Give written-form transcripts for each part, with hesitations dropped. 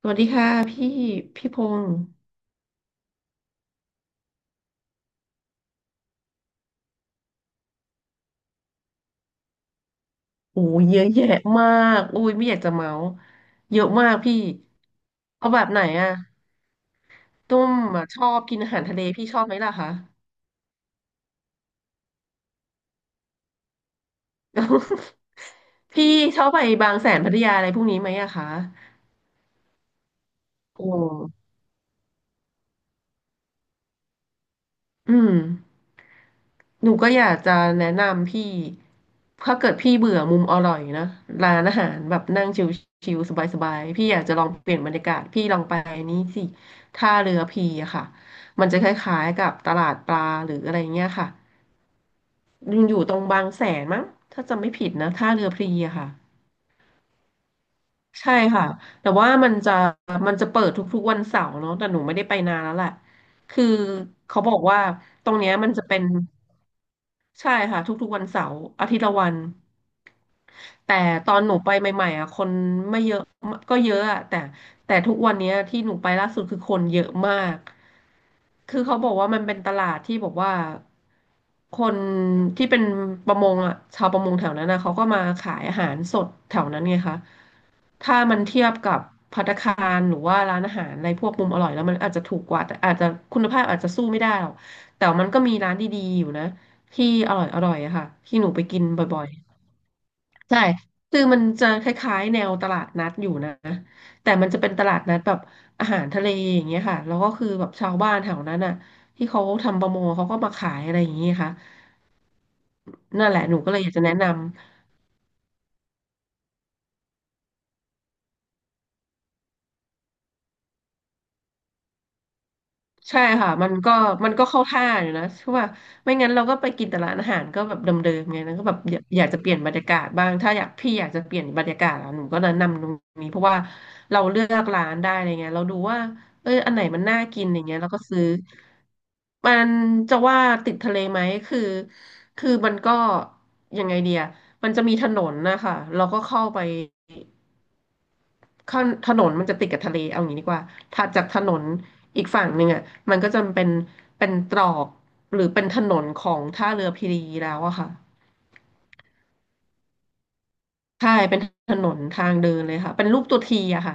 สวัสดีค่ะพี่พงษ์โอ้ยเยอะแยะมากอุ้ยไม่อยากจะเมาส์เยอะมากพี่เอาแบบไหนอะตุ้มอะชอบกินอาหารทะเลพี่ชอบไหมล่ะคะ พี่ชอบไปบางแสนพัทยาอะไรพวกนี้ไหมอะคะโอ้อืม หนูก็อยากจะแนะนำพี่ถ้าเกิดพี่เบื่อมุมอร่อยนะร้านอาหารแบบนั่งชิวๆสบายๆพี่อยากจะลองเปลี่ยนบรรยากาศพี่ลองไปนี้สิท่าเรือพีอะค่ะมันจะคล้ายๆกับตลาดปลาหรืออะไรเงี้ยค่ะยังอยู่ตรงบางแสนมั้งถ้าจำไม่ผิดนะท่าเรือพีอะค่ะใช่ค่ะแต่ว่ามันจะเปิดทุกๆวันเสาร์เนาะแต่หนูไม่ได้ไปนานแล้วแหละคือเขาบอกว่าตรงเนี้ยมันจะเป็นใช่ค่ะทุกๆวันเสาร์อาทิตย์ละวัน แต่ตอนหนูไปใหม่ๆอ่ะคนไม่เยอะก็เยอะอะแต่ทุกวันเนี้ยที่หนูไปล่าสุดคือคนเยอะมากคือเขาบอกว่ามันเป็นตลาดที่บอกว่าคนที่เป็นประมงอ่ะชาวประมงแถวนั้นนะเขาก็มาขายอาหารสดแถวนั้นไงคะถ้ามันเทียบกับภัตตาคารหรือว่าร้านอาหารอะไรพวกมุมอร่อยแล้วมันอาจจะถูกกว่าแต่อาจจะคุณภาพอาจจะสู้ไม่ได้หรอกแต่มันก็มีร้านดีๆอยู่นะที่อร่อยอร่อยอะค่ะที่หนูไปกินบ่อยๆ ใช่ คือมันจะคล้ายๆแนวตลาดนัดอยู่นะ แต่มันจะเป็นตลาดนัดแบบอาหารทะเลอย่างเงี้ยค่ะ แล้วก็คือแบบชาวบ้านแถวนั้นอ่ะที่เขาทำประมงเขาก็มาขายอะไรอย่างเงี้ยค่ะนั่นแหละหนูก็เลยอยากจะแนะนำ ใช่ค่ะมันก็มันก็เข้าท่าอยู่นะเพราะว่าไม่งั้นเราก็ไปกินแต่ร้านอาหารก็แบบเดิมๆไงนะก็แบบอยากจะเปลี่ยนบรรยากาศบ้างถ้าอยากพี่อยากจะเปลี่ยนบรรยากาศอะหนูก็แนะนำตรงนี้เพราะว่าเราเลือกร้านได้อะไรเงี้ยเราดูว่าเอออันไหนมันน่ากินอย่างเงี้ยเราก็ซื้อมันจะว่าติดทะเลไหมคือคือมันก็ยังไงเดียมันจะมีถนนนะคะเราก็เข้าไป ข้างถนนมันจะติดกับทะเลเอาอย่างนี้ดีกว่าถัาจากถนนอีกฝั่งหนึ่งอ่ะมันก็จะเป็นเป็นตรอกหรือเป็นถนนของท่าเรือพีรีแล้วอะค่ะใช่เป็นถนนทางเดินเลยค่ะเป็นรูปตัวทีอะค่ะ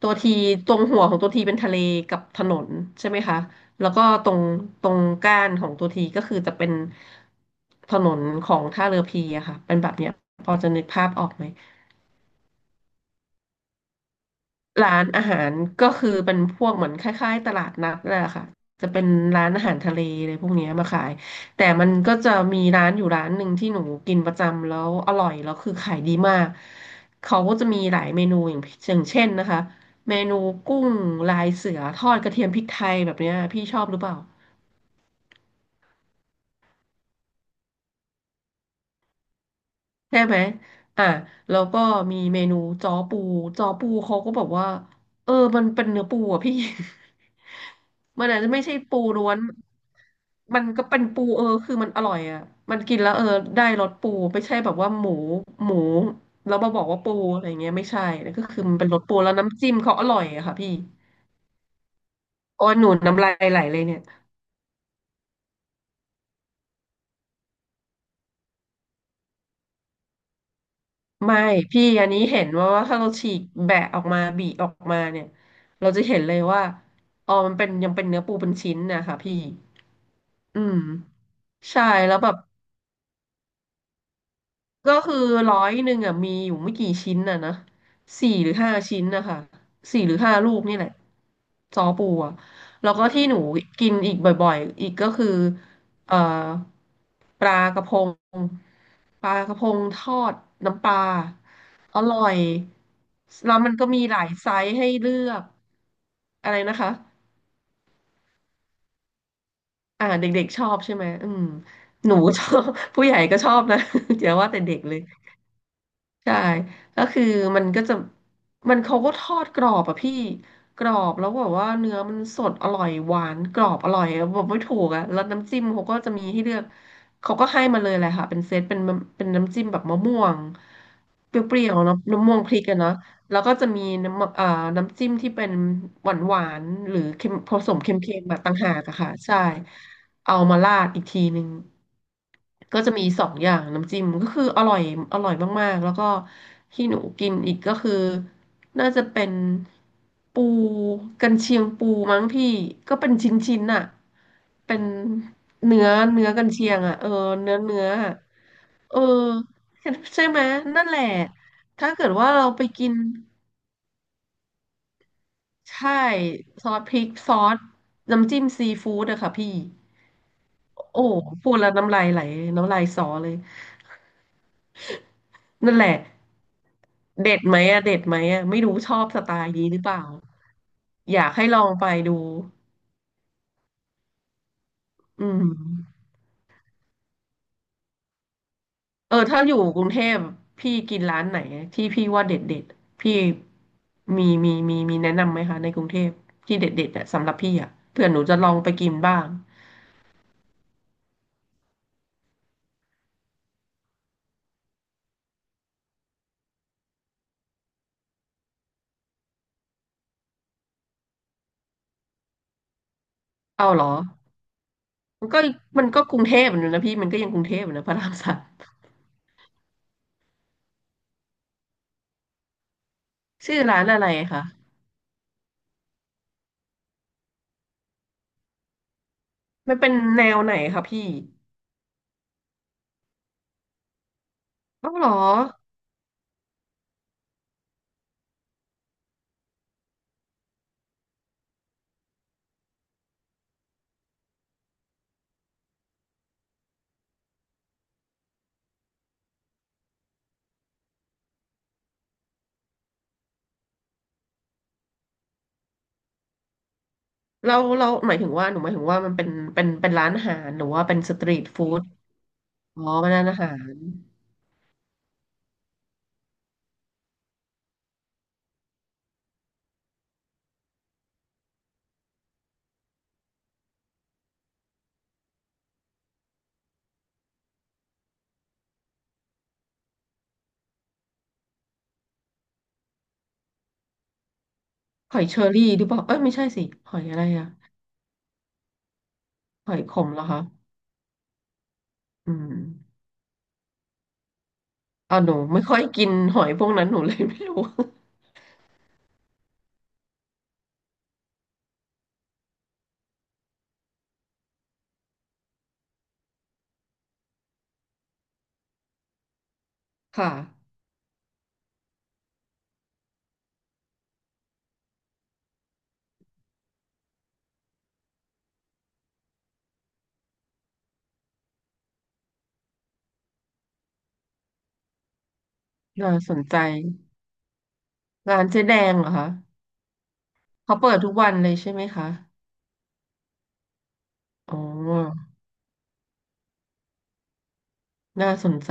ตัวทีตรงหัวของตัวทีเป็นทะเลกับถนนใช่ไหมคะแล้วก็ตรงตรงก้านของตัวทีก็คือจะเป็นถนนของท่าเรือพีอะค่ะเป็นแบบเนี้ยพอจะนึกภาพออกไหม ร้านอาหารก็คือเป็นพวกเหมือนคล้ายๆตลาดนัดนั่นแหละค่ะจะเป็นร้านอาหารทะเลเลยพวกเนี้ยมาขายแต่มันก็จะมีร้านอยู่ร้านหนึ่งที่หนูกินประจำแล้วอร่อยแล้วคือขายดีมากเขาก็จะมีหลายเมนูอย่างเช่นนะคะเมนูกุ้งลายเสือทอดกระเทียมพริกไทยแบบเนี้ยพี่ชอบหรือเปล่าใช่ไหมอ่ะแล้วก็มีเมนูจ้อปูจ้อปูเขาก็บอกว่าเออมันเป็นเนื้อปูอ่ะพี่ มันอาจจะไม่ใช่ปูล้วนมันก็เป็นปูเออคือมันอร่อยอ่ะมันกินแล้วเออได้รสปูไม่ใช่แบบว่าหมูหมูแล้วมาบอกว่าปูอะไรเงี้ยไม่ใช่นะก็คือมันเป็นรสปูแล้วน้ำจิ้มเขาอร่อยอะค่ะพี่โอ้ยหนูน้ำลายไหลเลยเนี่ยไม่พี่อันนี้เห็นว่าว่าถ้าเราฉีกแบะออกมาบีออกมาเนี่ยเราจะเห็นเลยว่าอ๋อมันเป็นยังเป็นเนื้อปูเป็นชิ้นนะคะพี่อืมใช่แล้วแบบ ก็คือร้อยหนึ่งอ่ะมีอยู่ไม่กี่ชิ้นน่ะนะสี่หรือห้าชิ้นนะคะสี่หรือห้าลูกนี่แหละซอปูอ่ะแล้วก็ที่หนูกินอีกบ่อยๆอีกก็คือเอ่อปลากระพงทอดน้ำปลาอร่อยแล้วมันก็มีหลายไซส์ให้เลือกอะไรนะคะอ่าเด็กๆชอบใช่ไหมอืมหนูชอบ ผู้ใหญ่ก็ชอบนะ อย่าว่าแต่เด็กเลย ใช่ก็คือมันก็จะมันเขาก็ทอดกรอบอะพี่กรอบแล้วแบบว่าเนื้อมันสดอร่อยหวานกรอบอร่อยอะบอกไม่ถูกอะแล้วน้ำจิ้มเขาก็จะมีให้เลือกเขาก็ให้มาเลยแหละค่ะเป็นเซตเป็นเป็นน้ำจิ้มแบบมะม่วงเปรี้ยวๆเนาะมะม่วงพริกอะเนาะ แล้วก็จะมีน้ำน้ำจิ้มที่เป็นหวานหวานหรือเค็มผสมเค็มๆแบบต่างหากอะค่ะใช่เอามาราดอีกทีนึงก็จะมีสองอย่างน้ำจิ้มก็คืออร่อยอร่อยมากๆแล้วก็ที่หนูกินอีกก็คือน่าจะเป็นปูกันเชียงปูมั้งพี่ก็เป็นชิ้นๆน่ะเป็นเนื้อกันเชียงอะเออเนื้ออะเออใช่ไหมนั่นแหละถ้าเกิดว่าเราไปกิน ใช่ซอสพริกซอสน้ำจิ้มซีฟู้ดอะค่ะพี่โอ้พูดแล้วน้ำลายไหลน้ำลายสอเลยนั่นแหละเด็ดไหมอะเด็ดไหมอะไม่รู้ชอบสไตล์นี้หรือเปล่าอยากให้ลองไปดูอืมเออถ้าอยู่กรุงเทพพี่กินร้านไหนที่พี่ว่าเด็ดเด็ดพี่มีแนะนำไหมคะในกรุงเทพที่เด็ดเด็ดอะสำหรับพี่อะเผื่อหนูจะลองไปกินบ้างเอาเหรอ มันก็มันก็กรุงเทพอยู่นะพี่มันก็ยังกรุงเทพอยู่นะพระรามสามชื่อร้านอะไรคะมันเป็นแนวไหนคะพี่อ๋อเหรอเราหมายถึงว่าหนูหมายถึงว่ามันเป็นเป็นร้านอาหารหรือว่าเป็นสตรีทฟู้ดอ๋อเป็นร้านอาหารหอยเชอรี่หรือเปล่าเอ้ยไม่ใช่สิหอยอะไรอะหอยขมเหรอคะอืมอ๋อหนูไม่ค่อยกินหอยพวกนั้นหนูเลยไม่รู้ ค่ะน่าสนใจร้านเจ๊แดงเหรอคะเขาเปิดทุกวันเลยใช่ไหมคะอ๋อน่าสนใจ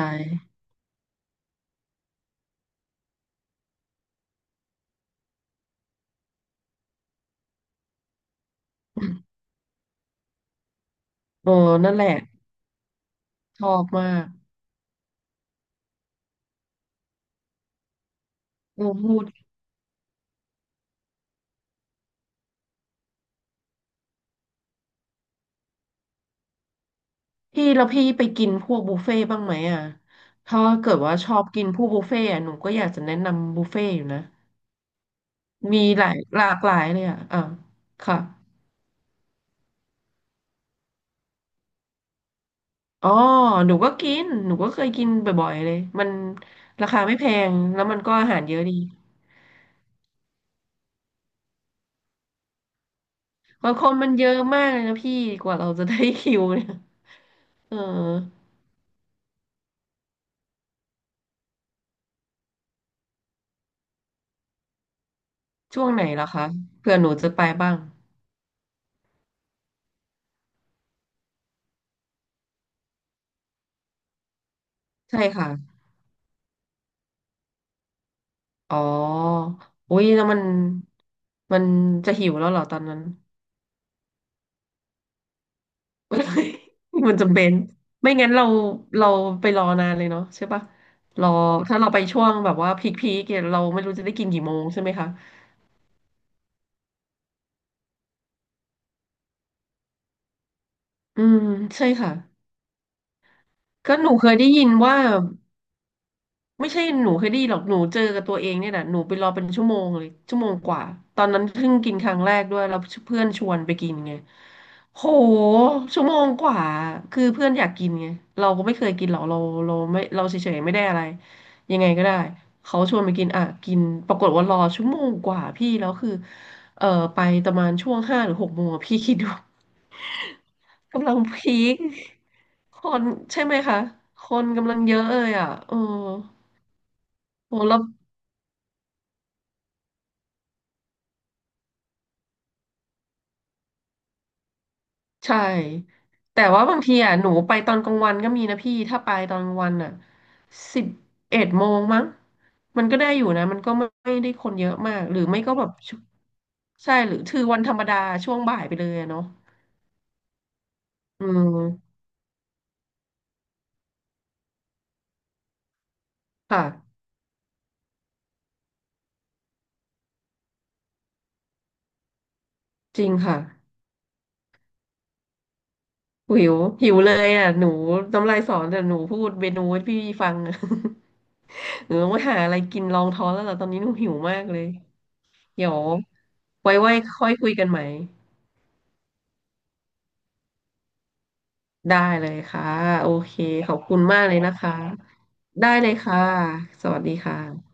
เออนั่นแหละชอบมากโอ้พูดพี่แล้วพี่ไปกินพวกบุฟเฟ่ต์บ้างไหมอ่ะถ้าเกิดว่าชอบกินพวกบุฟเฟ่ต์อะหนูก็อยากจะแนะนำบุฟเฟ่ต์อยู่นะมีหลายหลากหลายเลยอ่ะอ่ะค่ะอ๋อหนูก็เคยกินบ่อยๆเลยมันราคาไม่แพงแล้วมันก็อาหารเยอะดีบางคนมันเยอะมากเลยนะพี่กว่าเราจะได้ คิวเนี่ยเออช่วงไหนล่ะคะเผื่อหนูจะไปบ้างใช่ค่ะ อ๋ออุ้ยแล้วมันจะหิวแล้วเหรอตอนนั้นไม่ มันจำเป็นไม่งั้นเราไปรอนานเลยเนาะใช่ปะรอถ้าเราไปช่วงแบบว่าพีคพีคเนี่ยเราไม่รู้จะได้กินกี่โมงใช่ไหมคะ อืมใช่ค่ะ ก็หนูเคยได้ยินว่า ไม่ใช่หนูเคยได้ยินหรอกหนูเจอกับตัวเองเนี่ยแหละหนูไปรอเป็นชั่วโมงเลยชั่วโมงกว่าตอนนั้นเพิ่งกินครั้งแรกด้วยแล้วเพื่อนชวนไปกินไงโหชั่วโมงกว่าคือเพื่อนอยากกินไงเราก็ไม่เคยกินหรอกเราไม่เราเฉยๆไม่ได้อะไรยังไงก็ได้เขาชวนไปกินอ่ะกินปรากฏว่ารอชั่วโมงกว่าพี่แล้วคือเออไปประมาณช่วงห้าหรือหกโมงอะพี่คิดดูกำลังพีคคนใช่ไหมคะคนกำลังเยอะเลยอ่ะเออโหแล้ว ใช่แต่ว่าบางทีอ่ะหนูไปตอนกลางวันก็มีนะพี่ ถ้าไปตอนกลางวันอ่ะสิบเอ็ดโมงมั้งมันก็ได้อยู่นะมันก็ไม่ได้คนเยอะมากหรือไม่ก็แบบชใช่หรือถือวันธรรมดาช่วงบ่ายไปเลยอะเนาะอืมค่ะจริงค่ะหิวหิวเลยอ่ะหนูน้ำลายสอนแต่หนูพูดเมนูให้พี่ฟังอะ หนูต้องไปหาอะไรกินรองท้องแล้วล่ะตอนนี้หนูหิวมากเลยเดี๋ยวไว้ไว้ค่อยคุยกันใหม่ ได้เลยค่ะโอเคขอบคุณมากเลยนะคะได้เลยค่ะสวัสดีค่ะ